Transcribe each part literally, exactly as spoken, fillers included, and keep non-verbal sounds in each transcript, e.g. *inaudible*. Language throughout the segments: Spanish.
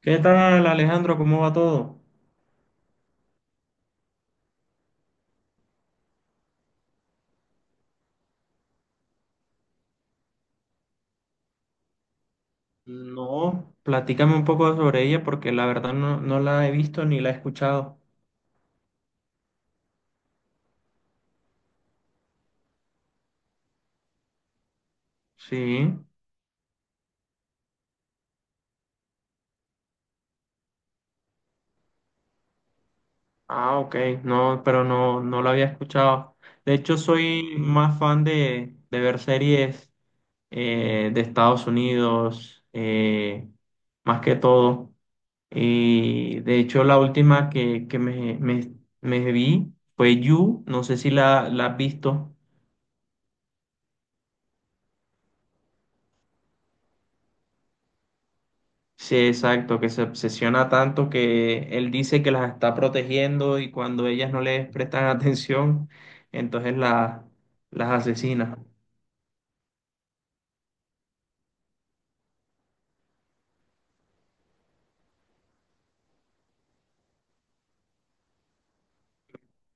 ¿Qué tal, Alejandro? ¿Cómo va todo? No, platícame un poco sobre ella porque la verdad no, no la he visto ni la he escuchado. Sí. Ah, ok. No, pero no, no la había escuchado. De hecho, soy más fan de, de ver series eh, de Estados Unidos, eh, más que todo. Y de hecho, la última que, que me, me- me vi fue You. No sé si la, la has visto. Sí, exacto, que se obsesiona tanto que él dice que las está protegiendo y cuando ellas no les prestan *laughs* atención, entonces la- las asesina.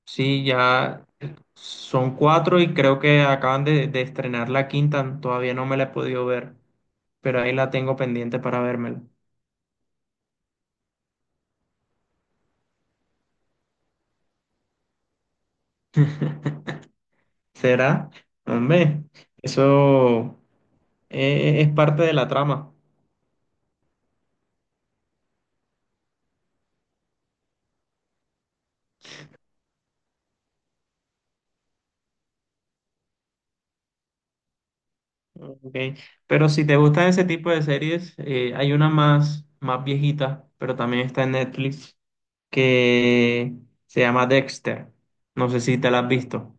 Sí, ya son cuatro y creo que acaban de, de estrenar la quinta, todavía no me la he podido ver, pero ahí la tengo pendiente para vérmela. *laughs* ¿Será? Hombre, eso eh, es parte de la trama. Ok, pero si te gustan ese tipo de series, eh, hay una más, más viejita, pero también está en Netflix, que se llama Dexter. No sé si te la has visto.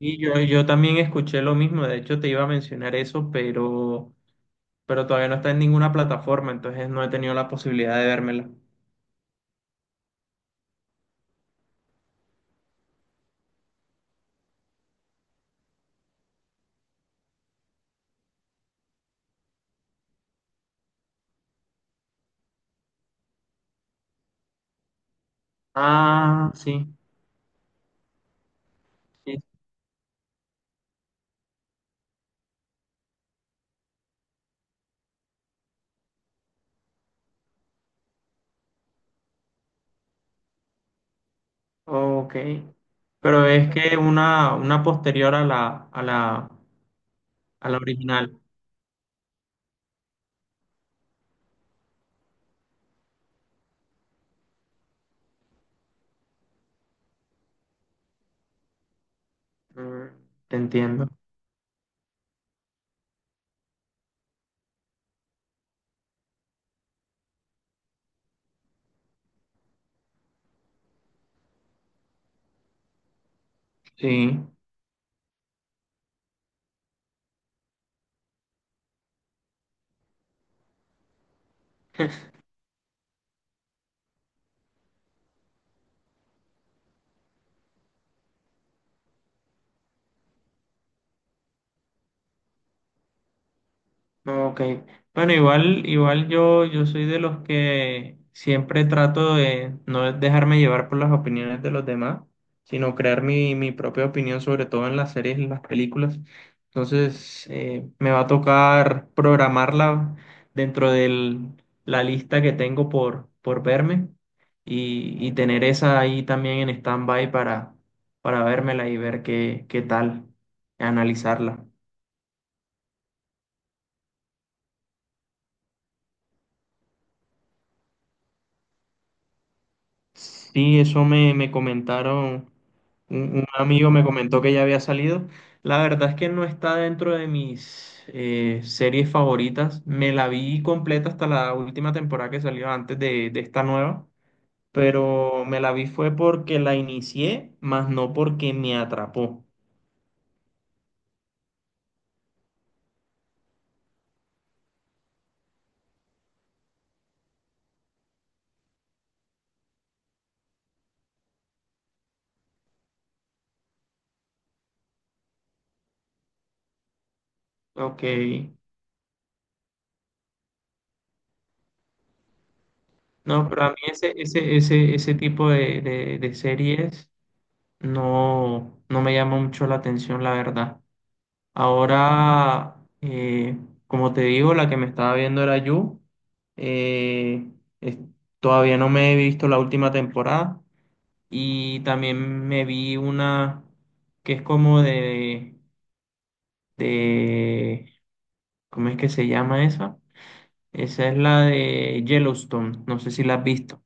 Y yo, yo también escuché lo mismo, de hecho te iba a mencionar eso, pero, pero todavía no está en ninguna plataforma, entonces no he tenido la posibilidad de vérmela. Ah, sí. Sí, ok. Pero es que una, una posterior a la, a la, a la original. Mm, te entiendo. Sí. Ok. Bueno, igual, igual yo, yo soy de los que siempre trato de no dejarme llevar por las opiniones de los demás, sino crear mi, mi propia opinión, sobre todo en las series y las películas. Entonces, eh, me va a tocar programarla dentro de la lista que tengo por, por verme y, y tener esa ahí también en stand-by para, para vérmela y ver qué, qué tal, analizarla. Sí, eso me, me comentaron, un, un amigo me comentó que ya había salido. La verdad es que no está dentro de mis eh, series favoritas. Me la vi completa hasta la última temporada que salió antes de, de esta nueva, pero me la vi fue porque la inicié, más no porque me atrapó. Ok. No, pero a mí ese, ese, ese, ese tipo de, de, de series no, no me llama mucho la atención, la verdad. Ahora, eh, como te digo, la que me estaba viendo era You. Eh, es- Todavía no me he visto la última temporada y también me vi una que es como de, de, ¿cómo es que se llama esa? Esa es la de Yellowstone, no sé si la has visto.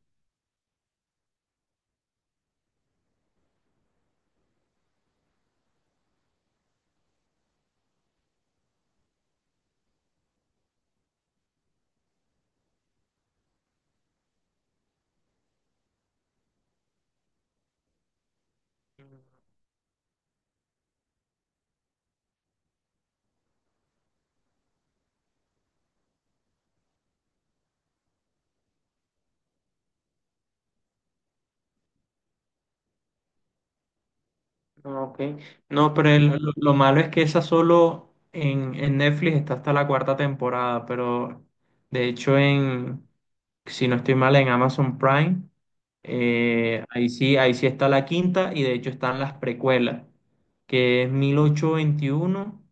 Ah, ok. No, pero el- lo, lo malo es que esa solo en, en Netflix está hasta la cuarta temporada, pero de hecho en, si no estoy mal, en Amazon Prime, eh, ahí sí, ahí sí está la quinta y de hecho están las precuelas, que es mil ochocientos veintiuno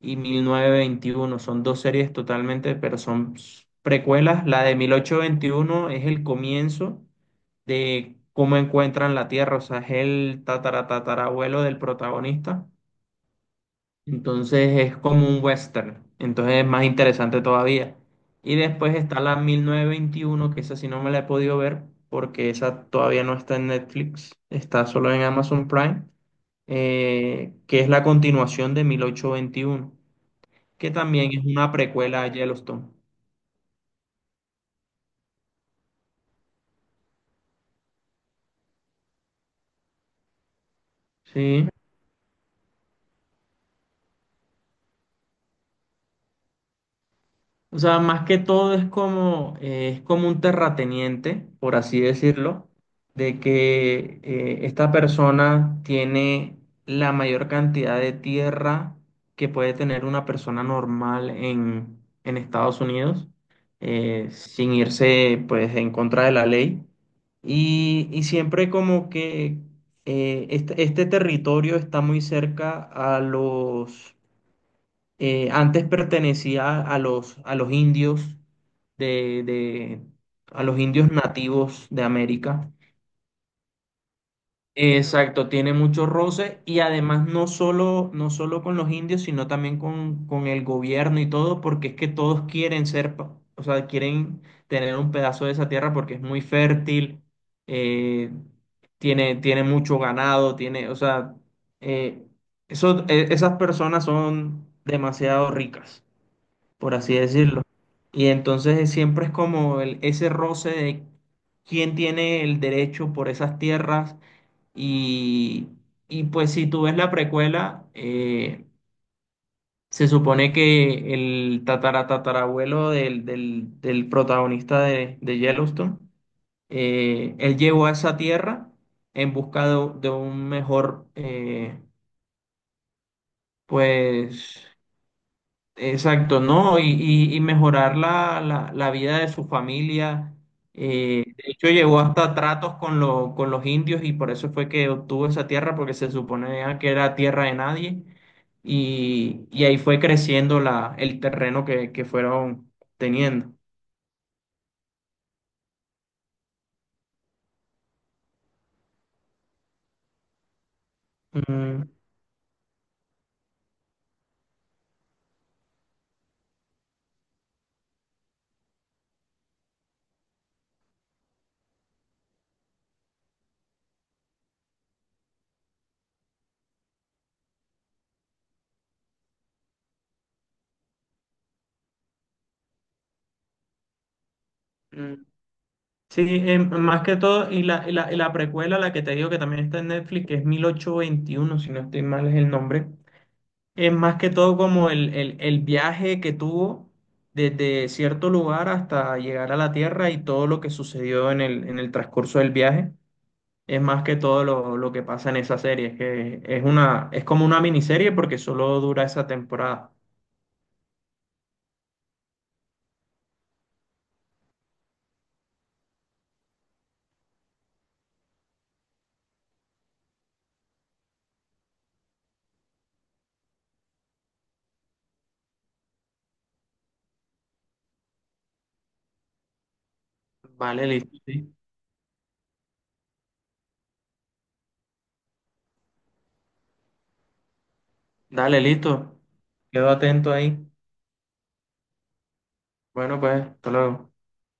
y mil novecientos veintiuno. Son dos series totalmente, pero son s- precuelas. La de mil ochocientos veintiuno es el comienzo de cómo encuentran la Tierra, o sea, es el tataratatarabuelo del protagonista, entonces es como un western, entonces es más interesante todavía. Y después está la mil novecientos veintiuno que esa sí no me la he podido ver, porque esa todavía no está en Netflix, está solo en Amazon Prime, eh, que es la continuación de mil ochocientos veintiuno que también es una precuela a Yellowstone. Sí. O sea, más que todo es como, eh, es como un terrateniente, por así decirlo, de que eh, esta persona tiene la mayor cantidad de tierra que puede tener una persona normal en, en Estados Unidos, eh, sin irse pues en contra de la ley. Y, y siempre como que eh, este, este territorio está muy cerca a los eh, antes pertenecía a los, a los indios de, de- a los indios nativos de América. Exacto, tiene mucho roce y además no solo, no solo con los indios, sino también con, con el gobierno y todo, porque es que todos quieren ser, pa- o sea, quieren tener un pedazo de esa tierra porque es muy fértil, eh, tiene, tiene mucho ganado, tiene, o sea, eh, eso- e- esas personas son demasiado ricas por así decirlo. Y entonces eh, siempre es como el- ese roce de quién tiene el derecho por esas tierras y, y pues si tú ves la precuela, eh, se supone que el tataratatarabuelo del, del, del protagonista de, de Yellowstone, eh, él llegó a esa tierra en busca de, de un mejor, eh, pues. Exacto, ¿no? Y, y- y mejorar la, la- la vida de su familia. Eh, de hecho, llegó hasta tratos con, lo- con los indios y por eso fue que obtuvo esa tierra, porque se suponía que era tierra de nadie. Y, y ahí fue creciendo la, el terreno que, que fueron teniendo. Mm, mm. Sí, eh, más que todo, y la, y la, y la precuela, la que te digo que también está en Netflix, que es mil ochocientos veintiuno si no estoy mal es el nombre. Es más que todo como el, el, el viaje que tuvo desde cierto lugar hasta llegar a la Tierra y todo lo que sucedió en el, en el transcurso del viaje. Es más que todo lo, lo que pasa en esa serie. Es que es una, es como una miniserie porque solo dura esa temporada. Vale, listo. Sí. Dale, listo. Quedo atento ahí. Bueno, pues, hasta luego.